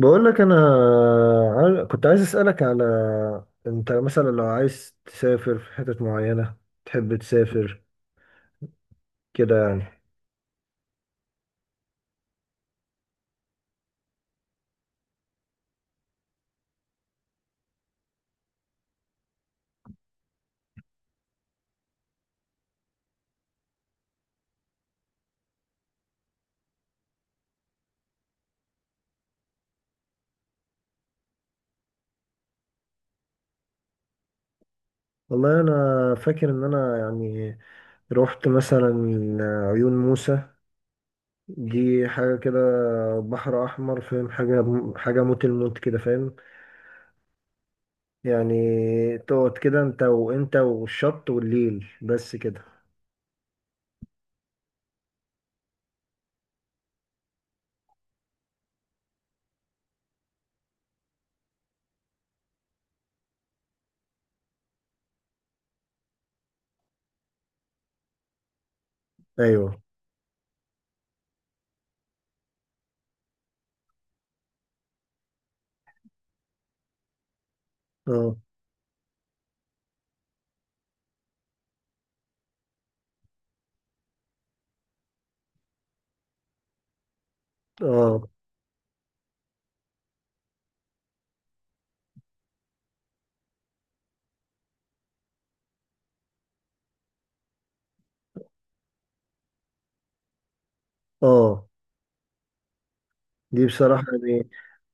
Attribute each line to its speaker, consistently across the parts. Speaker 1: بقول لك انا، كنت عايز اسالك على، انت مثلا لو عايز تسافر في حتت معينه، تحب تسافر كده يعني. والله انا فاكر ان انا يعني رحت مثلا عيون موسى. دي حاجه كده، بحر احمر، فاهم؟ حاجه حاجه موت الموت كده، فاهم؟ يعني تقعد كده، انت وانت والشط والليل بس كده. ايوه، اه، اه، اه. دي بصراحة يعني،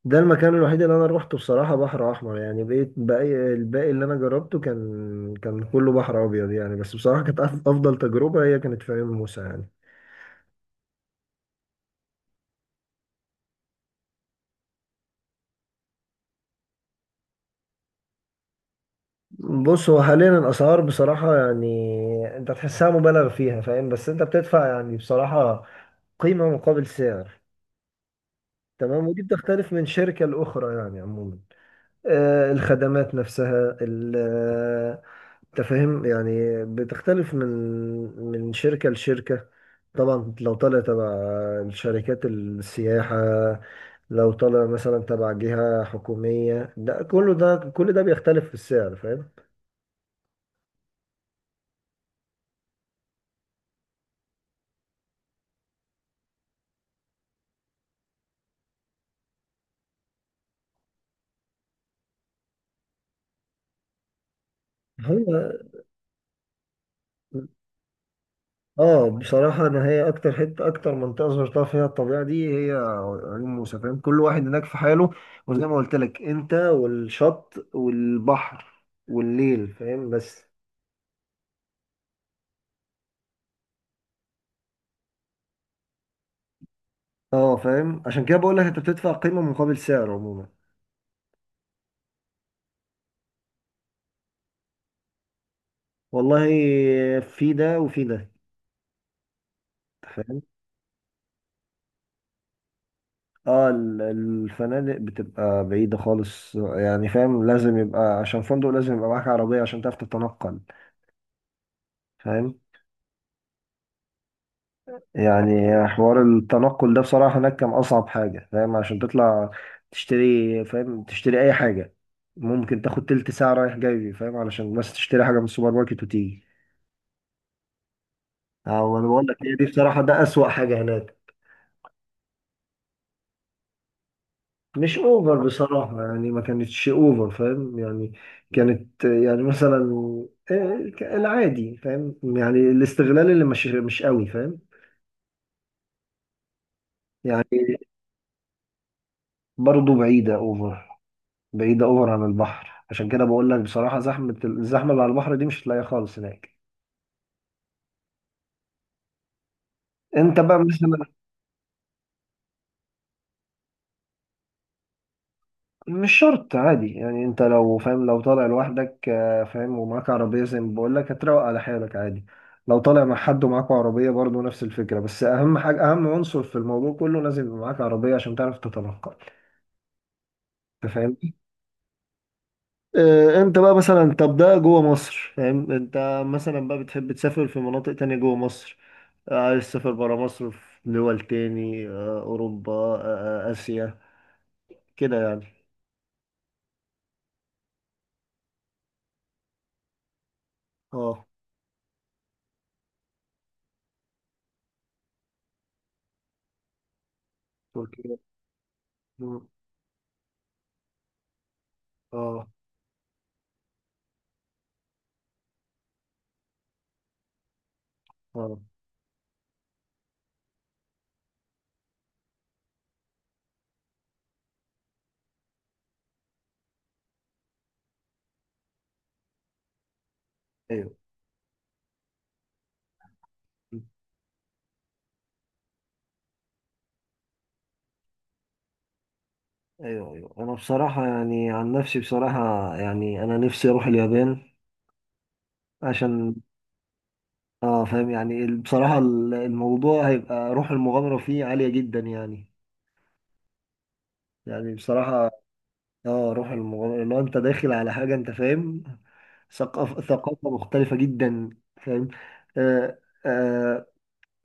Speaker 1: ده المكان الوحيد اللي أنا روحته بصراحة بحر أحمر يعني. بقيت باقي الباقي اللي أنا جربته كان كله بحر أبيض يعني. بس بصراحة كانت أفضل تجربة هي كانت في عيون موسى يعني. بص، هو حاليا الأسعار بصراحة يعني أنت تحسها مبالغ فيها، فاهم؟ بس أنت بتدفع يعني بصراحة قيمة مقابل سعر. تمام. ودي بتختلف من شركة لأخرى يعني. عموما، الخدمات نفسها، انت فاهم يعني، بتختلف من شركة لشركة. طبعا لو طالع تبع شركات السياحة، لو طالع مثلا تبع جهة حكومية، ده كله ده كل ده بيختلف في السعر، فاهم؟ هو، اه، بصراحة انا هي اكتر حتة اكتر منطقة زرتها فيها الطبيعة دي هي عيون موسى. فاهم؟ كل واحد هناك في حاله، وزي ما قلت لك انت والشط والبحر والليل. فاهم؟ بس اه، فاهم، عشان كده بقول لك انت بتدفع قيمة مقابل سعر عموما. والله في ده وفي ده. فاهم؟ اه، الفنادق بتبقى بعيدة خالص يعني. فاهم؟ لازم يبقى، عشان فندق، لازم يبقى معاك عربية عشان تعرف تتنقل. فاهم يعني. حوار التنقل ده بصراحة هناك كان أصعب حاجة. فاهم؟ عشان تطلع تشتري، فاهم، تشتري أي حاجة، ممكن تاخد تلت ساعة رايح جاي، فاهم، علشان بس تشتري حاجة من السوبر ماركت وتيجي. اه، انا بقول لك هي دي بصراحة ده أسوأ حاجة هناك. مش اوفر بصراحة يعني. ما كانتش اوفر، فاهم يعني. كانت يعني مثلا العادي، فاهم يعني. الاستغلال اللي مش قوي. فاهم يعني. برضه بعيدة اوفر، بعيدة اوفر عن البحر. عشان كده بقول لك بصراحة، زحمة الزحمة اللي على البحر دي مش هتلاقيها خالص هناك. انت بقى مثلا، مش شرط، عادي يعني. انت لو، فاهم، لو طالع لوحدك فاهم، ومعاك عربية زي ما بقول لك، هتروق على حالك عادي. لو طالع مع حد ومعاك عربية، برضه نفس الفكرة. بس أهم حاجة، أهم عنصر في الموضوع كله، لازم يبقى معاك عربية عشان تعرف تتنقل. أنت فاهمني؟ أنت بقى مثلا، طب ده جوه مصر، فاهم؟ أنت مثلا بقى بتحب تسافر في مناطق تانية جوه مصر، عايز تسافر برا مصر، في دول تاني، أوروبا، آسيا، كده يعني. اه، تركيا. مم. اه، اه، ايوه، ايوه، ايوه، انا بصراحه يعني، عن نفسي بصراحه يعني، انا نفسي اروح اليابان عشان، اه، فاهم يعني بصراحه الموضوع هيبقى روح المغامره فيه عاليه جدا يعني بصراحه اه، روح المغامره، لو انت داخل على حاجه انت، فاهم، ثقافه مختلفه جدا. فاهم؟ آه آه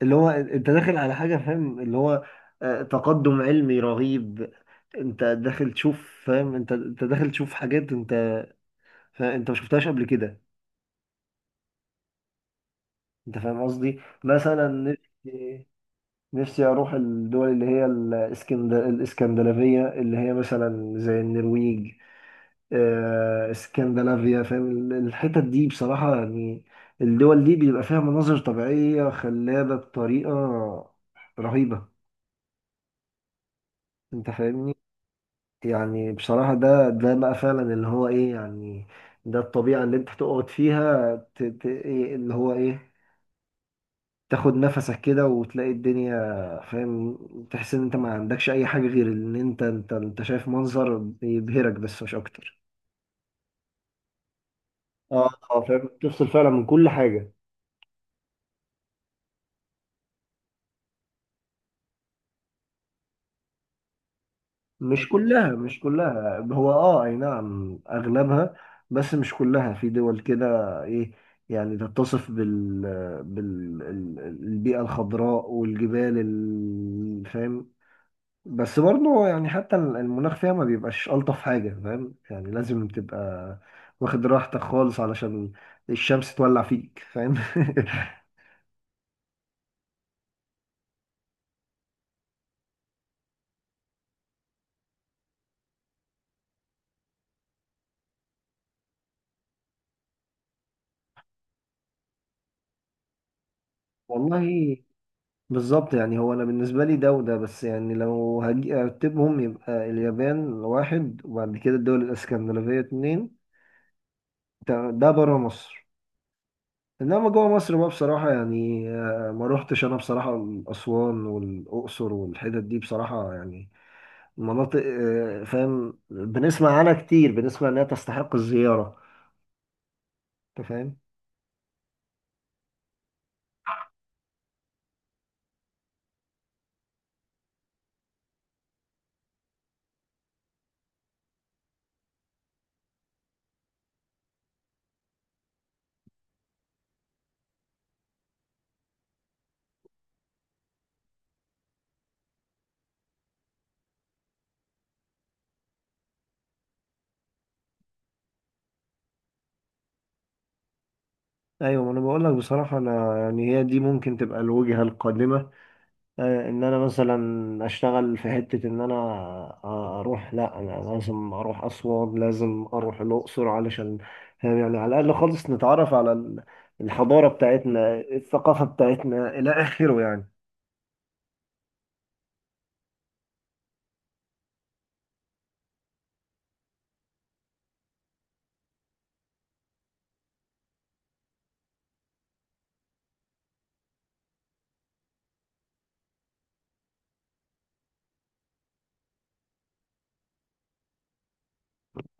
Speaker 1: اللي هو انت داخل على حاجه، فاهم، اللي هو آه، تقدم علمي رهيب. انت داخل تشوف، فاهم، انت داخل تشوف حاجات انت فانت ما شفتهاش قبل كده. انت فاهم قصدي؟ مثلا نفسي اروح الدول اللي هي الاسكندنافيه، اللي هي مثلا زي النرويج، اسكندنافيا، فاهم؟ الحتت دي بصراحه يعني، الدول دي بيبقى فيها مناظر طبيعيه خلابه بطريقه رهيبه. انت فاهمني؟ يعني بصراحه ده بقى فعلا اللي هو ايه يعني. ده الطبيعه اللي انت تقعد فيها إيه، اللي هو ايه، تاخد نفسك كده وتلاقي الدنيا. فاهم؟ تحس ان انت ما عندكش اي حاجة غير ان انت شايف منظر يبهرك بس مش اكتر. اه، اه، فاهم. تفصل فعلا من كل حاجه. مش كلها، مش كلها، هو اه، اي نعم، اغلبها، بس مش كلها في دول كده. ايه يعني؟ تتصف البيئة الخضراء والجبال، فاهم؟ بس برضه يعني حتى المناخ فيها ما بيبقاش ألطف حاجة، فاهم يعني. لازم تبقى واخد راحتك خالص علشان الشمس تولع فيك، فاهم؟ والله، بالظبط. يعني هو أنا بالنسبة لي، ده وده. بس يعني لو هاجي أرتبهم، يبقى اليابان 1، وبعد كده الدول الإسكندنافية 2. ده برا مصر. إنما جوا مصر بقى بصراحة يعني، ما روحتش أنا بصراحة أسوان والأقصر والحتت دي بصراحة يعني مناطق. فاهم؟ بنسمع عنها كتير، بنسمع انها تستحق الزيارة. انت فاهم؟ ايوه. ما انا بقول لك بصراحة انا يعني، هي دي ممكن تبقى الوجهة القادمة. ان انا مثلا اشتغل في حتة، ان انا اروح، لا انا لازم اروح اسوان، لازم اروح الاقصر، علشان فاهم يعني على الاقل خالص نتعرف على الحضارة بتاعتنا، الثقافة بتاعتنا، الى اخره يعني.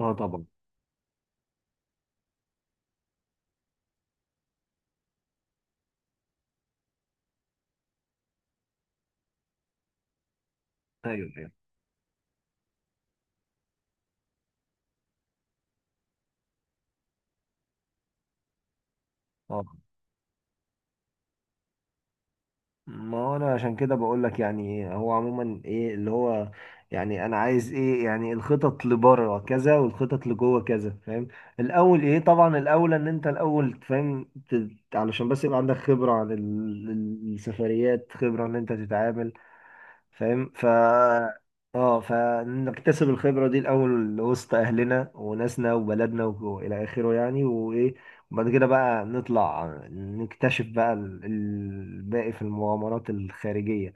Speaker 1: اه، طبعا، ايوه، ايوه، آه. ما هو انا عشان كده بقول لك يعني، هو عموما ايه اللي هو يعني، انا عايز ايه يعني؟ الخطط لبره كذا والخطط لجوه كذا، فاهم؟ الاول ايه؟ طبعا الاول ان انت الاول، فاهم. علشان بس يبقى عندك خبرة عن السفريات، خبرة ان انت تتعامل، فاهم ف. اه، فنكتسب الخبرة دي الأول وسط أهلنا وناسنا وبلدنا وإلى آخره يعني. وإيه، وبعد كده بقى نطلع نكتشف بقى الباقي في المغامرات الخارجية.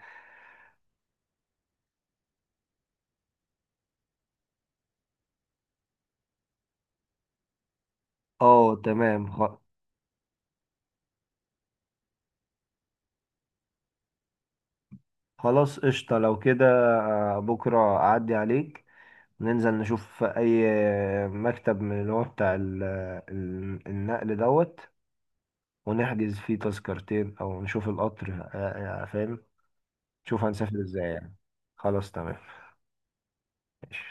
Speaker 1: اه، تمام. خلاص، قشطة. لو كده بكرة أعدي عليك، ننزل نشوف أي مكتب من اللي هو بتاع النقل دوت، ونحجز فيه تذكرتين، أو نشوف القطر فاهم؟ شوف هنسافر ازاي يعني. خلاص، تمام. ماشي.